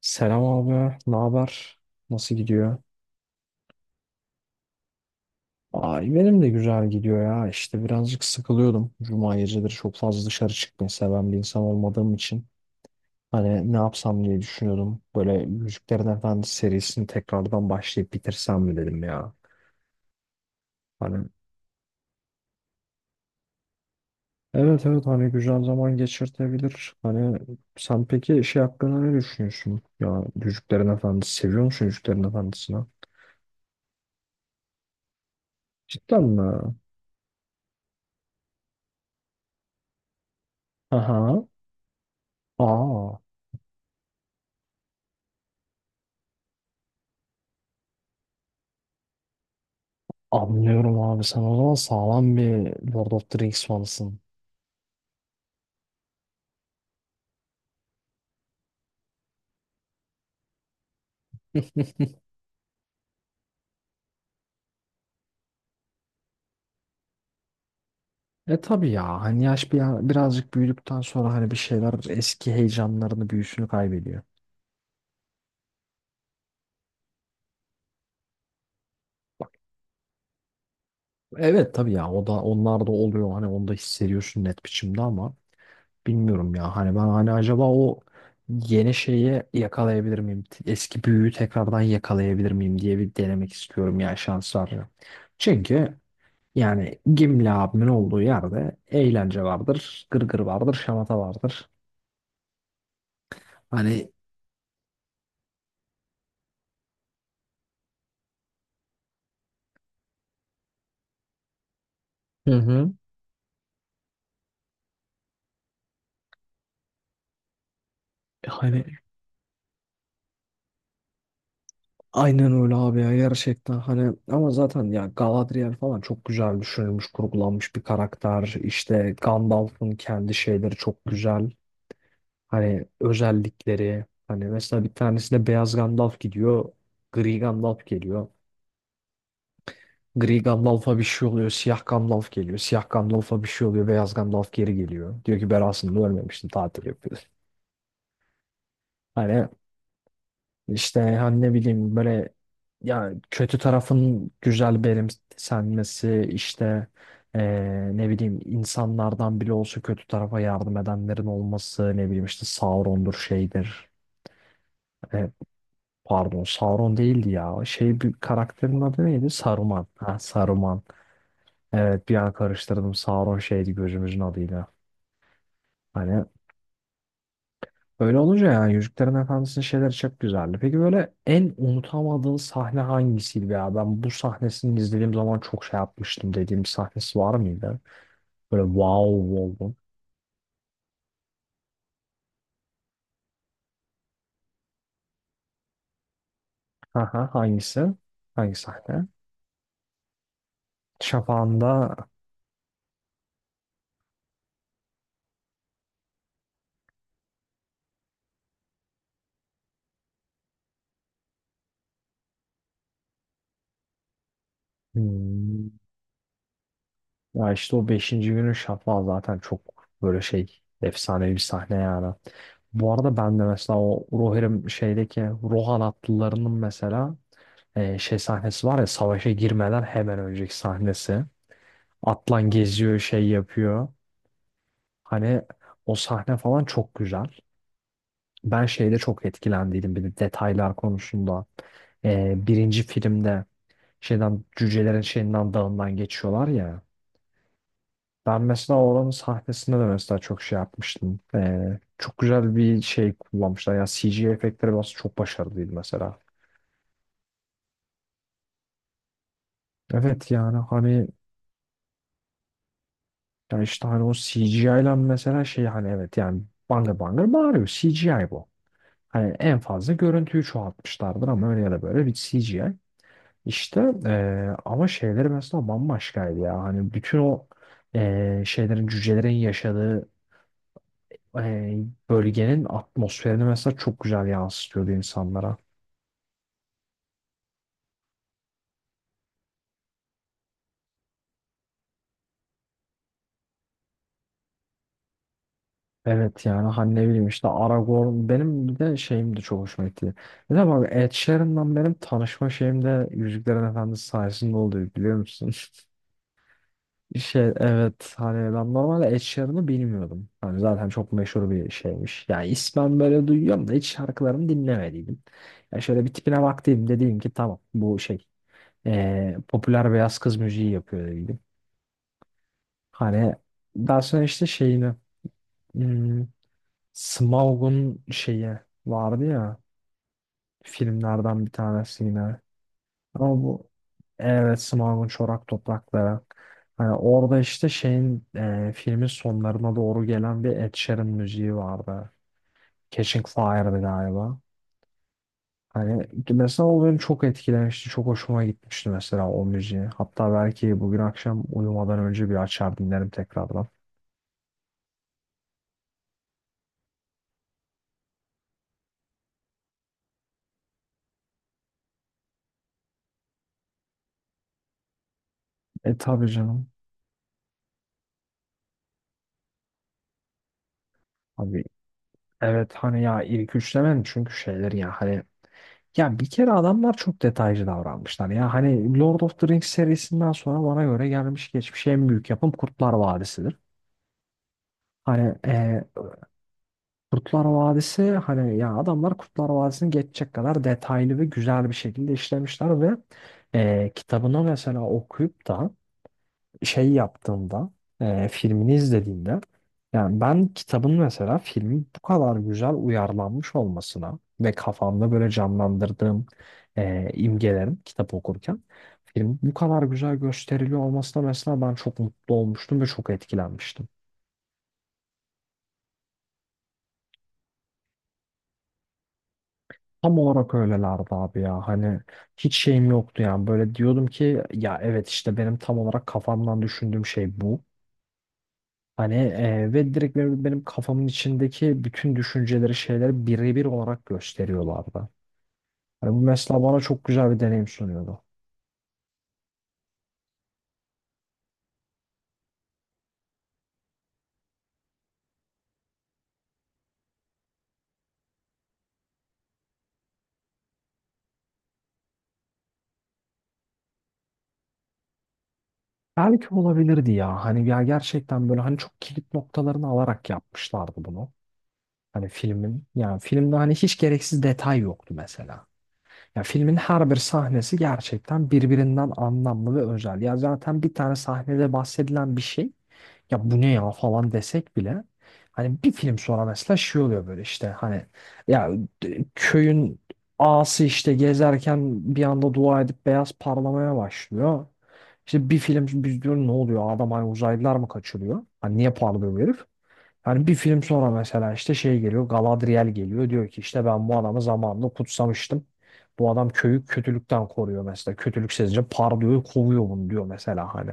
Selam abi, ne haber? Nasıl gidiyor? Ay benim de güzel gidiyor ya. İşte birazcık sıkılıyordum. Cuma geceleri çok fazla dışarı çıkmayı seven bir insan olmadığım için. Hani ne yapsam diye düşünüyordum. Böyle Müziklerin Efendisi serisini tekrardan başlayıp bitirsem mi dedim ya. Hani evet evet, hani güzel zaman geçirtebilir. Sen peki şey hakkında ne düşünüyorsun? Ya Yüzüklerin Efendisi seviyor musun Yüzüklerin Efendisi'ni? Cidden mi? Aha. Aa. Anlıyorum abi, sen o zaman sağlam bir Lord of the Rings fanısın. E tabii ya, hani yaş birazcık büyüdükten sonra hani bir şeyler eski heyecanlarını, büyüsünü kaybediyor. Evet tabii ya, o da, onlar da oluyor, hani onu da hissediyorsun net biçimde ama bilmiyorum ya, hani ben hani acaba o yeni şeyi yakalayabilir miyim, eski büyüyü tekrardan yakalayabilir miyim diye bir denemek istiyorum ya, şans var ya. Çünkü yani Gimli abimin olduğu yerde eğlence vardır, gırgır vardır, şamata vardır. Hani Hı hı. hani aynen öyle abi ya, gerçekten hani, ama zaten ya Galadriel falan çok güzel düşünülmüş, kurgulanmış bir karakter. İşte Gandalf'ın kendi şeyleri çok güzel. Hani özellikleri, hani mesela bir tanesine beyaz Gandalf gidiyor, gri Gandalf geliyor. Gri Gandalf'a bir şey oluyor. Siyah Gandalf geliyor. Siyah Gandalf'a bir şey oluyor. Beyaz Gandalf geri geliyor. Diyor ki ben aslında ölmemiştim. Tatil yapıyor. Hani işte hani ne bileyim, böyle ya kötü tarafın güzel benimsenmesi, işte ne bileyim insanlardan bile olsa kötü tarafa yardım edenlerin olması, ne bileyim işte Sauron'dur, şeydir. E, Pardon, Sauron değildi ya. Şey, bir karakterin adı neydi? Saruman. Ha, Saruman. Evet, bir an karıştırdım. Sauron şeydi, gözümüzün adıyla. Hani öyle olunca yani Yüzüklerin Efendisi'nin şeyleri çok güzeldi. Peki böyle en unutamadığın sahne hangisiydi ya? Ben bu sahnesini izlediğim zaman çok şey yapmıştım dediğim bir sahnesi var mıydı? Böyle wow oldum. Aha, hangisi? Hangi sahne? Şafağında. hmm, Ya işte o beşinci günün şafağı zaten çok böyle şey, efsanevi bir sahne yani. Bu arada ben de mesela o Rohirrim şeydeki Rohan atlılarının mesela şey sahnesi var ya, savaşa girmeden hemen önceki sahnesi. Atlan geziyor, şey yapıyor. Hani O sahne falan çok güzel. Ben şeyde çok etkilendiydim bir de, detaylar konusunda. E, birinci filmde şeyden cücelerin şeyinden dağından geçiyorlar ya. Ben mesela oranın sahnesinde de mesela çok şey yapmıştım. E, çok güzel bir şey kullanmışlar. Yani CGI efektleri biraz çok başarılıydı mesela. Evet yani hani Ya işte hani o CGI ile mesela şey, hani evet yani bangır bangır bağırıyor. CGI bu. Hani en fazla görüntüyü çoğaltmışlardır ama öyle ya da böyle bir CGI. İşte ama şeyleri mesela bambaşkaydı ya. Hani bütün o şeylerin, cücelerin yaşadığı eee, bölgenin atmosferini mesela çok güzel yansıtıyordu insanlara. Evet yani hani ne bileyim, işte Aragorn benim bir de şeyim de çok hoşuma gitti. Bir de bak, Ed Sheeran'la benim tanışma şeyim de Yüzüklerin Efendisi sayesinde oldu, biliyor musun? Şey, evet hani ben normalde Ed Sheeran'ı bilmiyordum. Hani zaten çok meşhur bir şeymiş. Yani ismen böyle duyuyorum da hiç şarkılarını dinlemediydim. Ya şöyle bir tipine baktım, dedim ki tamam bu şey popüler beyaz kız müziği yapıyor dedim. Hani daha sonra işte şeyini, hmm, Smaug'un şeyi vardı ya, filmlerden bir tanesi yine. Ama bu, evet, Smaug'un çorak toprakları. Hani orada işte şeyin, filmin sonlarına doğru gelen bir Ed Sheeran müziği vardı. Catching Fire'dı galiba. Hani mesela o beni çok etkilemişti. Çok hoşuma gitmişti mesela o müziği. Hatta belki bugün akşam uyumadan önce bir açar dinlerim tekrardan. E tabii canım. Abi evet hani ya ilk üçlemen çünkü şeyler ya hani. Ya bir kere adamlar çok detaycı davranmışlar. Ya hani Lord of the Rings serisinden sonra bana göre gelmiş geçmiş en büyük yapım Kurtlar Vadisi'dir. Hani Kurtlar Vadisi, hani ya adamlar Kurtlar Vadisi'ni geçecek kadar detaylı ve güzel bir şekilde işlemişler ve kitabını mesela okuyup da şey yaptığımda, filmini izlediğimde, yani ben kitabın mesela filmi bu kadar güzel uyarlanmış olmasına ve kafamda böyle canlandırdığım imgelerin, kitap okurken film bu kadar güzel gösteriliyor olmasına mesela ben çok mutlu olmuştum ve çok etkilenmiştim. Tam olarak öylelerdi abi ya, hani hiç şeyim yoktu yani, böyle diyordum ki ya evet işte benim tam olarak kafamdan düşündüğüm şey bu. Hani ve direkt benim kafamın içindeki bütün düşünceleri, şeyleri birebir olarak gösteriyorlardı. Hani bu mesela bana çok güzel bir deneyim sunuyordu. Belki olabilirdi ya. Hani ya gerçekten böyle hani çok kilit noktalarını alarak yapmışlardı bunu. Hani filmin, yani filmde hani hiç gereksiz detay yoktu mesela. Ya filmin her bir sahnesi gerçekten birbirinden anlamlı ve özel. Ya zaten bir tane sahnede bahsedilen bir şey, ya bu ne ya falan desek bile hani bir film sonra mesela şey oluyor, böyle işte hani ya köyün ağası işte gezerken bir anda dua edip beyaz parlamaya başlıyor. İşte bir film biz diyoruz ne oluyor, adam hani uzaylılar mı kaçırıyor? Hani niye parlıyor bu herif? Hani bir film sonra mesela işte şey geliyor, Galadriel geliyor diyor ki işte ben bu adamı zamanında kutsamıştım. Bu adam köyü kötülükten koruyor mesela. Kötülük sezince parlıyor, kovuyor bunu diyor mesela hani.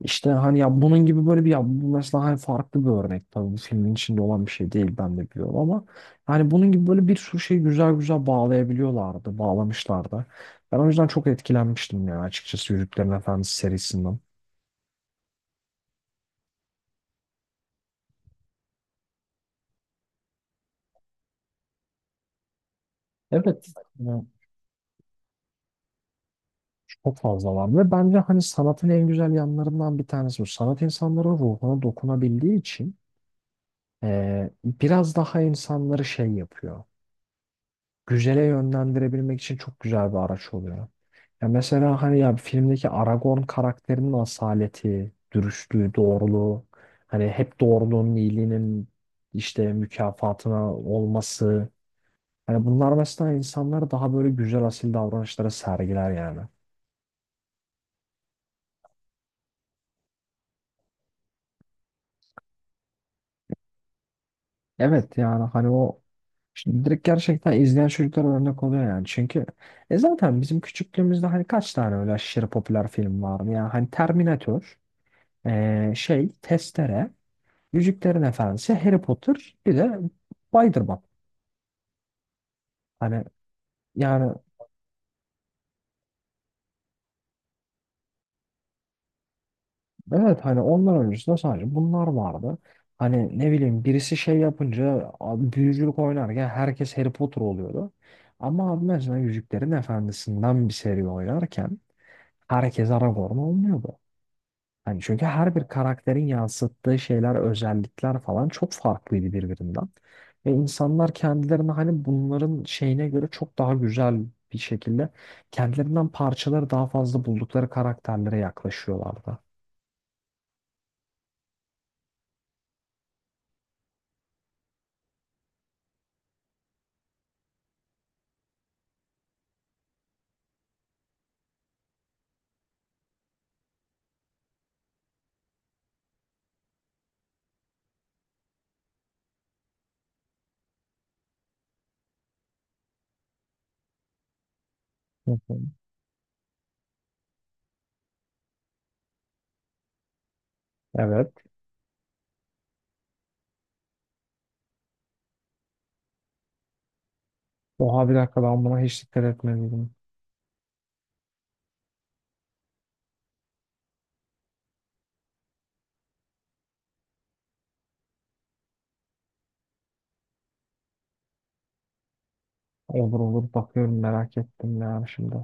İşte hani ya bunun gibi böyle bir, ya bu mesela hani farklı bir örnek tabii, bu filmin içinde olan bir şey değil ben de biliyorum ama hani bunun gibi böyle bir sürü şeyi güzel güzel bağlayabiliyorlardı, bağlamışlardı. Ben o yüzden çok etkilenmiştim yani, açıkçası Yüzüklerin Efendisi serisinden. Evet. Çok fazla var ve bence hani sanatın en güzel yanlarından bir tanesi bu. Sanat insanların ruhuna dokunabildiği için biraz daha insanları şey yapıyor. Güzele yönlendirebilmek için çok güzel bir araç oluyor. Ya mesela hani ya filmdeki Aragorn karakterinin asaleti, dürüstlüğü, doğruluğu, hani hep doğruluğun, iyiliğinin işte mükafatına olması. Hani bunlar mesela insanları daha böyle güzel asil davranışlara sergiler yani. Evet yani hani o Şimdi direkt gerçekten izleyen çocuklar örnek oluyor yani. Çünkü e zaten bizim küçüklüğümüzde hani kaç tane öyle aşırı popüler film vardı yani. Hani Terminator, Testere, Yüzüklerin Efendisi, Harry Potter, bir de Spider-Man. Hani yani evet hani onlar öncesinde sadece bunlar vardı. Hani ne bileyim, birisi şey yapınca abi, büyücülük oynarken herkes Harry Potter oluyordu. Ama abi mesela Yüzüklerin Efendisi'nden bir seri oynarken herkes Aragorn olmuyordu. Hani çünkü her bir karakterin yansıttığı şeyler, özellikler falan çok farklıydı birbirinden. Ve insanlar kendilerini hani bunların şeyine göre çok daha güzel bir şekilde kendilerinden parçaları daha fazla buldukları karakterlere yaklaşıyorlardı. Hı hı. Evet. Oha bir dakika, ben buna hiç dikkat etmedim. Olur olur, bakıyorum, merak ettim yani şimdi.